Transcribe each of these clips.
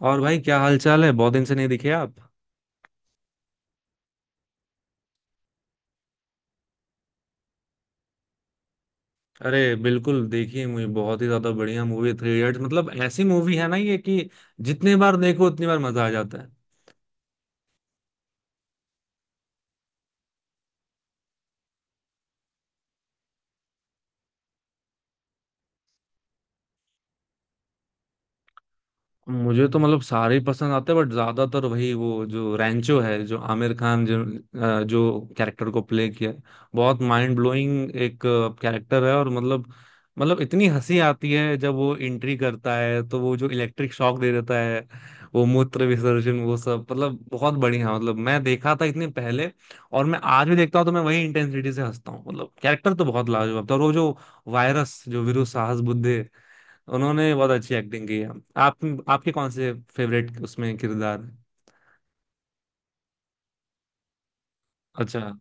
और भाई, क्या हाल चाल है? बहुत दिन से नहीं दिखे आप। अरे बिल्कुल, देखिए, मुझे बहुत ही ज्यादा बढ़िया मूवी थ्री इडियट्स, मतलब ऐसी मूवी है ना ये कि जितने बार देखो उतनी बार मजा आ जाता है। मुझे तो मतलब सारे ही पसंद आते हैं, बट ज्यादातर वही, वो जो रैंचो है, जो आमिर खान, जो कैरेक्टर को प्ले किया है, बहुत माइंड ब्लोइंग एक कैरेक्टर है। और मतलब, इतनी हंसी आती है जब वो एंट्री करता है तो वो जो इलेक्ट्रिक शॉक दे देता है, वो मूत्र विसर्जन, वो सब, मतलब बहुत बढ़िया। मतलब मैं देखा था इतने पहले और मैं आज भी देखता हूँ तो मैं वही इंटेंसिटी से हंसता हूँ। मतलब कैरेक्टर तो बहुत लाजवाब था। और वो जो वायरस, जो वीरू साहस बुद्धे, उन्होंने बहुत अच्छी एक्टिंग की है। आप आपके कौन से फेवरेट उसमें किरदार हैं? अच्छा,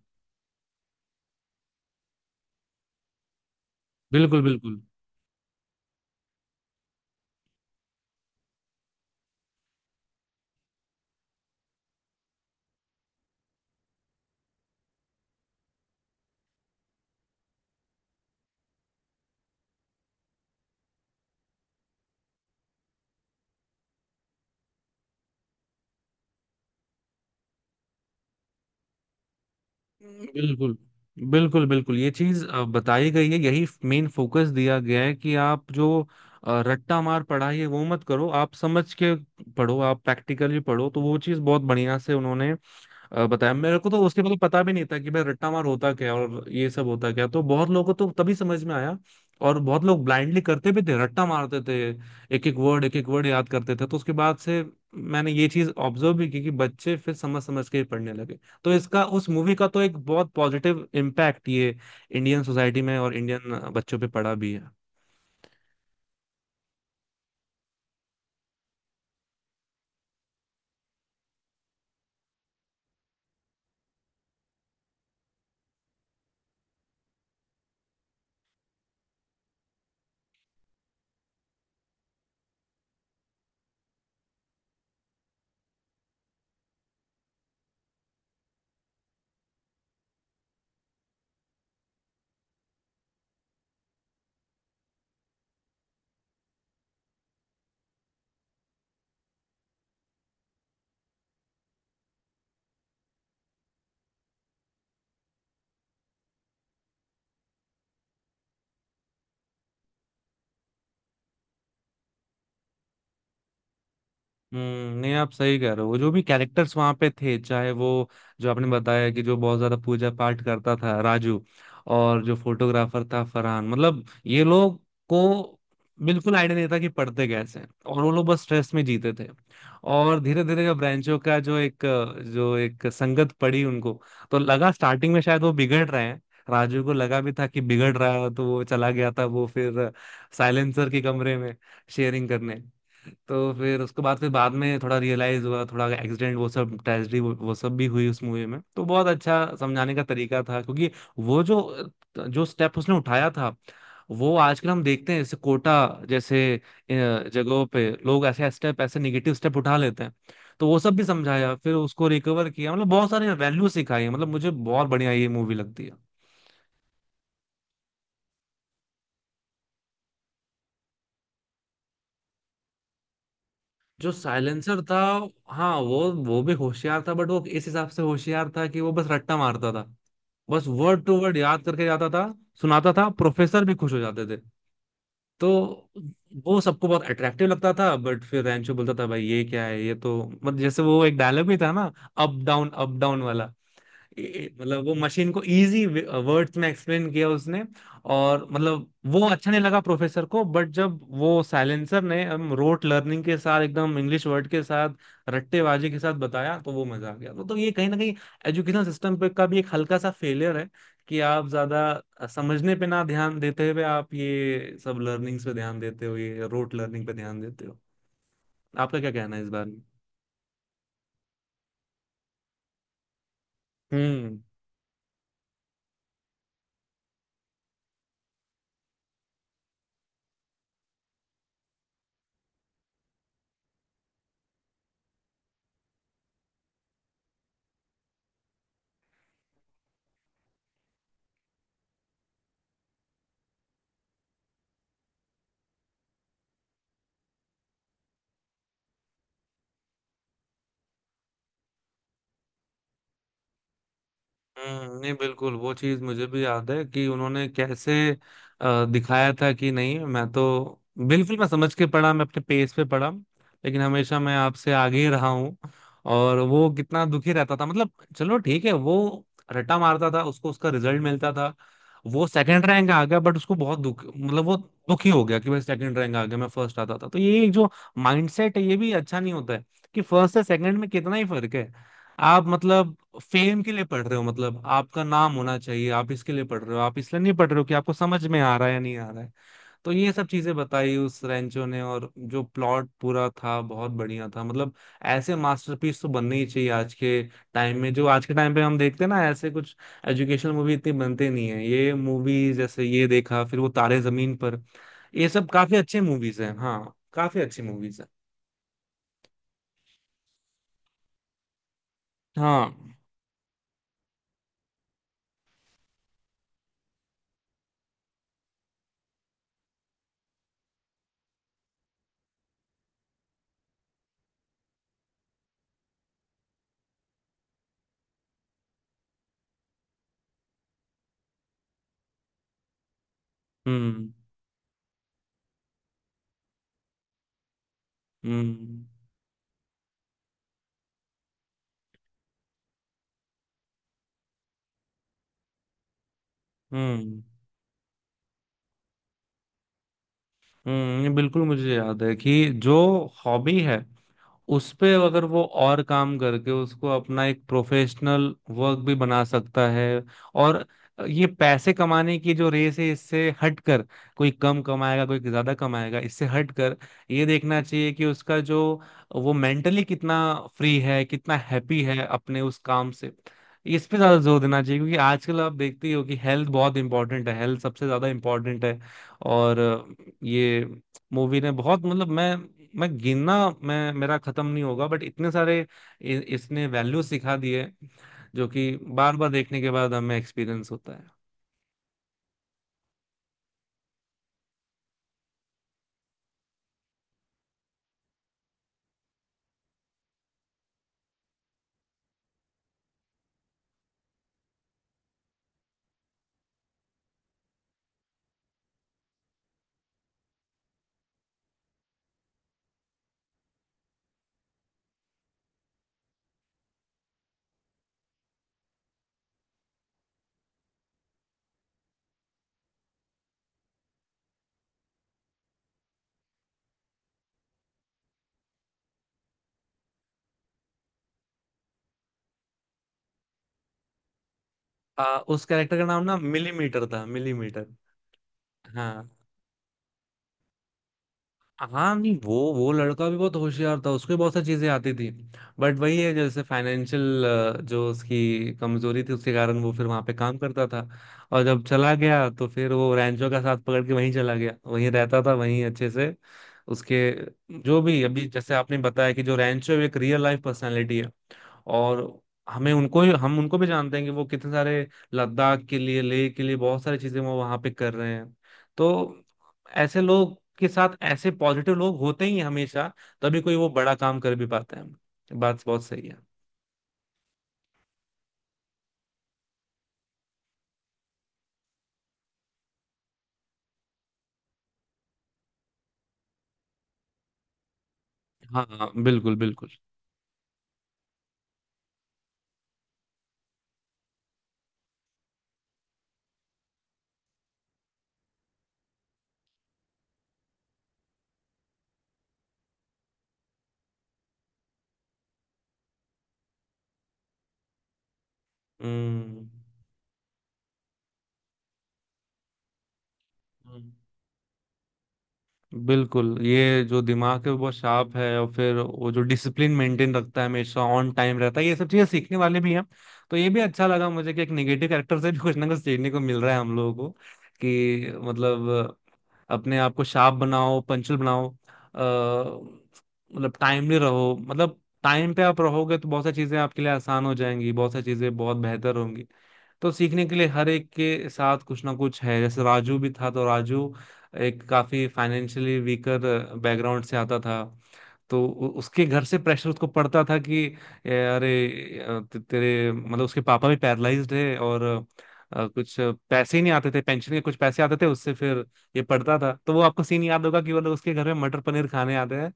बिल्कुल। बिल्कुल बिल्कुल। बिल्कुल बिल्कुल ये चीज बताई गई है। यही मेन फोकस दिया गया है कि आप जो रट्टा मार पढ़ाई है वो मत करो, आप समझ के पढ़ो, आप प्रैक्टिकली पढ़ो, तो वो चीज बहुत बढ़िया से उन्होंने बताया। मेरे को तो उसके मतलब पता भी नहीं था कि भाई रट्टा मार होता क्या और ये सब होता क्या, तो बहुत लोगों को तो तभी समझ में आया। और बहुत लोग ब्लाइंडली करते भी थे, रट्टा मारते थे, एक एक वर्ड याद करते थे। तो उसके बाद से मैंने ये चीज ऑब्जर्व भी की कि बच्चे फिर समझ समझ के ही पढ़ने लगे, तो इसका, उस मूवी का तो एक बहुत पॉजिटिव इम्पैक्ट ये इंडियन सोसाइटी में और इंडियन बच्चों पे पड़ा भी है। हम्म, नहीं, आप सही कह रहे हो। जो भी कैरेक्टर्स वहां पे थे, चाहे वो, जो आपने बताया कि जो बहुत ज्यादा पूजा पाठ करता था राजू, और जो फोटोग्राफर था फरहान, मतलब ये लोग को बिल्कुल आइडिया नहीं था कि पढ़ते कैसे हैं, और वो लोग बस स्ट्रेस में जीते थे। और धीरे धीरे जब ब्रांचों का जो एक संगत पड़ी उनको, तो लगा स्टार्टिंग में शायद वो बिगड़ रहे हैं। राजू को लगा भी था कि बिगड़ रहा है, तो वो चला गया था, वो फिर साइलेंसर के कमरे में शेयरिंग करने। तो फिर उसके बाद, फिर बाद में थोड़ा रियलाइज हुआ, थोड़ा एक्सीडेंट वो सब, ट्रेजेडी वो सब भी हुई उस मूवी में। तो बहुत अच्छा समझाने का तरीका था क्योंकि वो जो जो स्टेप उसने उठाया था, वो आजकल हम देखते हैं, जैसे कोटा जैसे जगहों पे लोग ऐसे स्टेप, ऐसे निगेटिव स्टेप उठा लेते हैं। तो वो सब भी समझाया, फिर उसको रिकवर किया, मतलब बहुत सारे वैल्यू सिखाई। मतलब मुझे बहुत बढ़िया ये मूवी लगती है। जो साइलेंसर था, हाँ, वो भी होशियार था, बट वो इस हिसाब से होशियार था कि वो बस रट्टा मारता था, बस वर्ड टू वर्ड याद करके जाता था, सुनाता था, प्रोफेसर भी खुश हो जाते थे। तो वो सबको बहुत अट्रैक्टिव लगता था, बट फिर रैंचो बोलता था, भाई ये क्या है? ये तो, मतलब जैसे वो एक डायलॉग भी था ना, अप डाउन वाला। मतलब वो मशीन को इजी वर्ड्स में एक्सप्लेन किया उसने, और मतलब वो अच्छा नहीं लगा प्रोफेसर को। बट जब वो साइलेंसर ने, हम, रोट लर्निंग के साथ, एकदम इंग्लिश वर्ड के साथ, रट्टेबाजी के साथ बताया, तो वो मजा आ गया। तो ये कहीं ना कहीं एजुकेशन सिस्टम पे का भी एक हल्का सा फेलियर है, कि आप ज्यादा समझने पे ना ध्यान देते हुए आप ये सब लर्निंग्स पे ध्यान देते हो, ये रोट लर्निंग पे ध्यान देते हो। आपका क्या कहना है इस बारे में? हम्म नहीं बिल्कुल, वो चीज मुझे भी याद है कि उन्होंने कैसे दिखाया था कि नहीं, मैं तो बिल्कुल, मैं समझ के पढ़ा, मैं अपने पेस पे पढ़ा, लेकिन हमेशा मैं आपसे आगे ही रहा हूँ। और वो कितना दुखी रहता था, मतलब। चलो ठीक है, वो रट्टा मारता था, उसको उसका रिजल्ट मिलता था। वो सेकंड रैंक आ गया, बट उसको बहुत दुख, मतलब वो दुखी हो गया कि भाई सेकंड रैंक आ गया, मैं फर्स्ट आता था। तो ये एक जो माइंडसेट है, ये भी अच्छा नहीं होता है, कि फर्स्ट से सेकंड में कितना ही फर्क है। आप मतलब फेम के लिए पढ़ रहे हो, मतलब आपका नाम होना चाहिए, आप इसके लिए पढ़ रहे हो, आप इसलिए नहीं पढ़ रहे हो कि आपको समझ में आ रहा है या नहीं आ रहा है। तो ये सब चीजें बताई उस रेंचो ने, और जो प्लॉट पूरा था बहुत बढ़िया था, मतलब ऐसे मास्टरपीस तो बनने ही चाहिए आज के टाइम में। जो आज के टाइम पे हम देखते हैं ना, ऐसे कुछ एजुकेशनल मूवी इतनी बनते नहीं है, ये मूवी जैसे, ये देखा फिर वो तारे जमीन पर, ये सब काफी अच्छे मूवीज हैं। हाँ काफी अच्छी मूवीज हैं। हाँ, हम्म हम्म, हम्म हम्म, ये बिल्कुल मुझे याद है कि जो हॉबी है, उस पे अगर वो और काम करके, उसको अपना एक प्रोफेशनल वर्क भी बना सकता है। और ये पैसे कमाने की जो रेस है, इससे हटकर, कोई कम कमाएगा कोई ज्यादा कमाएगा, इससे हटकर ये देखना चाहिए कि उसका जो, वो मेंटली कितना फ्री है, कितना हैप्पी है अपने उस काम से। इस पे ज्यादा जोर देना चाहिए, क्योंकि आजकल आप देखते ही हो कि हेल्थ बहुत इंपॉर्टेंट है, हेल्थ सबसे ज्यादा इंपॉर्टेंट है। और ये मूवी ने बहुत, मतलब मैं गिनना, मैं, मेरा खत्म नहीं होगा, बट इतने सारे इसने वैल्यू सिखा दिए, जो कि बार बार देखने के बाद हमें एक्सपीरियंस होता है। उस कैरेक्टर का नाम ना मिलीमीटर था, मिलीमीटर। हाँ हाँ, नहीं, वो लड़का भी बहुत होशियार था, उसको भी बहुत सारी चीजें आती थी। बट वही है, जैसे फाइनेंशियल, जो उसकी कमजोरी थी, उसके कारण वो फिर वहां पे काम करता था। और जब चला गया, तो फिर वो रैंचो का साथ पकड़ के वहीं चला गया, वहीं रहता था, वहीं अच्छे से उसके। जो भी अभी जैसे आपने बताया कि जो रैंचो एक रियल लाइफ पर्सनालिटी है, और हमें उनको हम उनको भी जानते हैं कि वो कितने सारे लद्दाख के लिए, लेह के लिए बहुत सारी चीजें वो वहां पे कर रहे हैं। तो ऐसे लोग के साथ, ऐसे पॉजिटिव लोग होते ही हैं हमेशा, तभी कोई वो बड़ा काम कर भी पाते हैं। बात बहुत सही है। हाँ हाँ, बिल्कुल बिल्कुल। हम्म हम्म। बिल्कुल, ये जो दिमाग है वो बहुत शार्प है, और फिर वो जो डिसिप्लिन मेंटेन रखता है, हमेशा ऑन टाइम रहता है, ये सब चीजें सीखने वाले भी हैं। तो ये भी अच्छा लगा मुझे कि एक नेगेटिव कैरेक्टर से भी कुछ ना कुछ सीखने को मिल रहा है हम लोगों को, कि मतलब अपने आप को शार्प बनाओ, पंचुअल बनाओ, मतलब टाइमली रहो, मतलब टाइम पे आप रहोगे तो बहुत सारी चीजें आपके लिए आसान हो जाएंगी, बहुत सारी चीजें बहुत बेहतर होंगी। तो सीखने के लिए हर एक के साथ कुछ ना कुछ है, जैसे राजू भी था। तो राजू एक काफी फाइनेंशियली वीकर बैकग्राउंड से आता था, तो उसके घर से प्रेशर उसको पड़ता था कि अरे, तेरे, मतलब उसके पापा भी पैरलाइज्ड है, और कुछ पैसे ही नहीं आते थे, पेंशन के कुछ पैसे आते थे उससे, फिर ये पढ़ता था। तो वो आपको सीन याद होगा कि वो लोग उसके घर में मटर पनीर खाने आते हैं,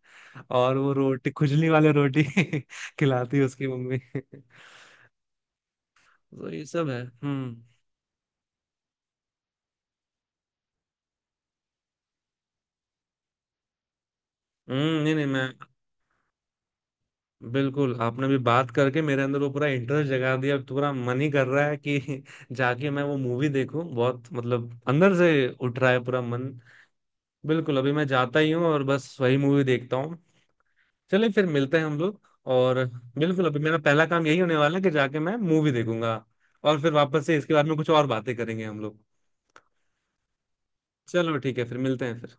और वो रोटी, खुजली वाले रोटी खिलाती है उसकी मम्मी। तो ये सब है। हम्म, हम्म, नहीं नहीं, मैं बिल्कुल, आपने भी बात करके मेरे अंदर वो पूरा इंटरेस्ट जगा दिया, अब तो पूरा मन ही कर रहा है कि जाके मैं वो मूवी देखूं, बहुत मतलब अंदर से उठ रहा है पूरा मन। बिल्कुल अभी मैं जाता ही हूँ और बस वही मूवी देखता हूँ। चलिए फिर मिलते हैं हम लोग। और बिल्कुल अभी मेरा पहला काम यही होने वाला है कि जाके मैं मूवी देखूंगा, और फिर वापस से इसके बारे में कुछ और बातें करेंगे हम लोग। चलो ठीक है, फिर मिलते हैं फिर।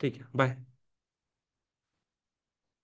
ठीक है, बाय।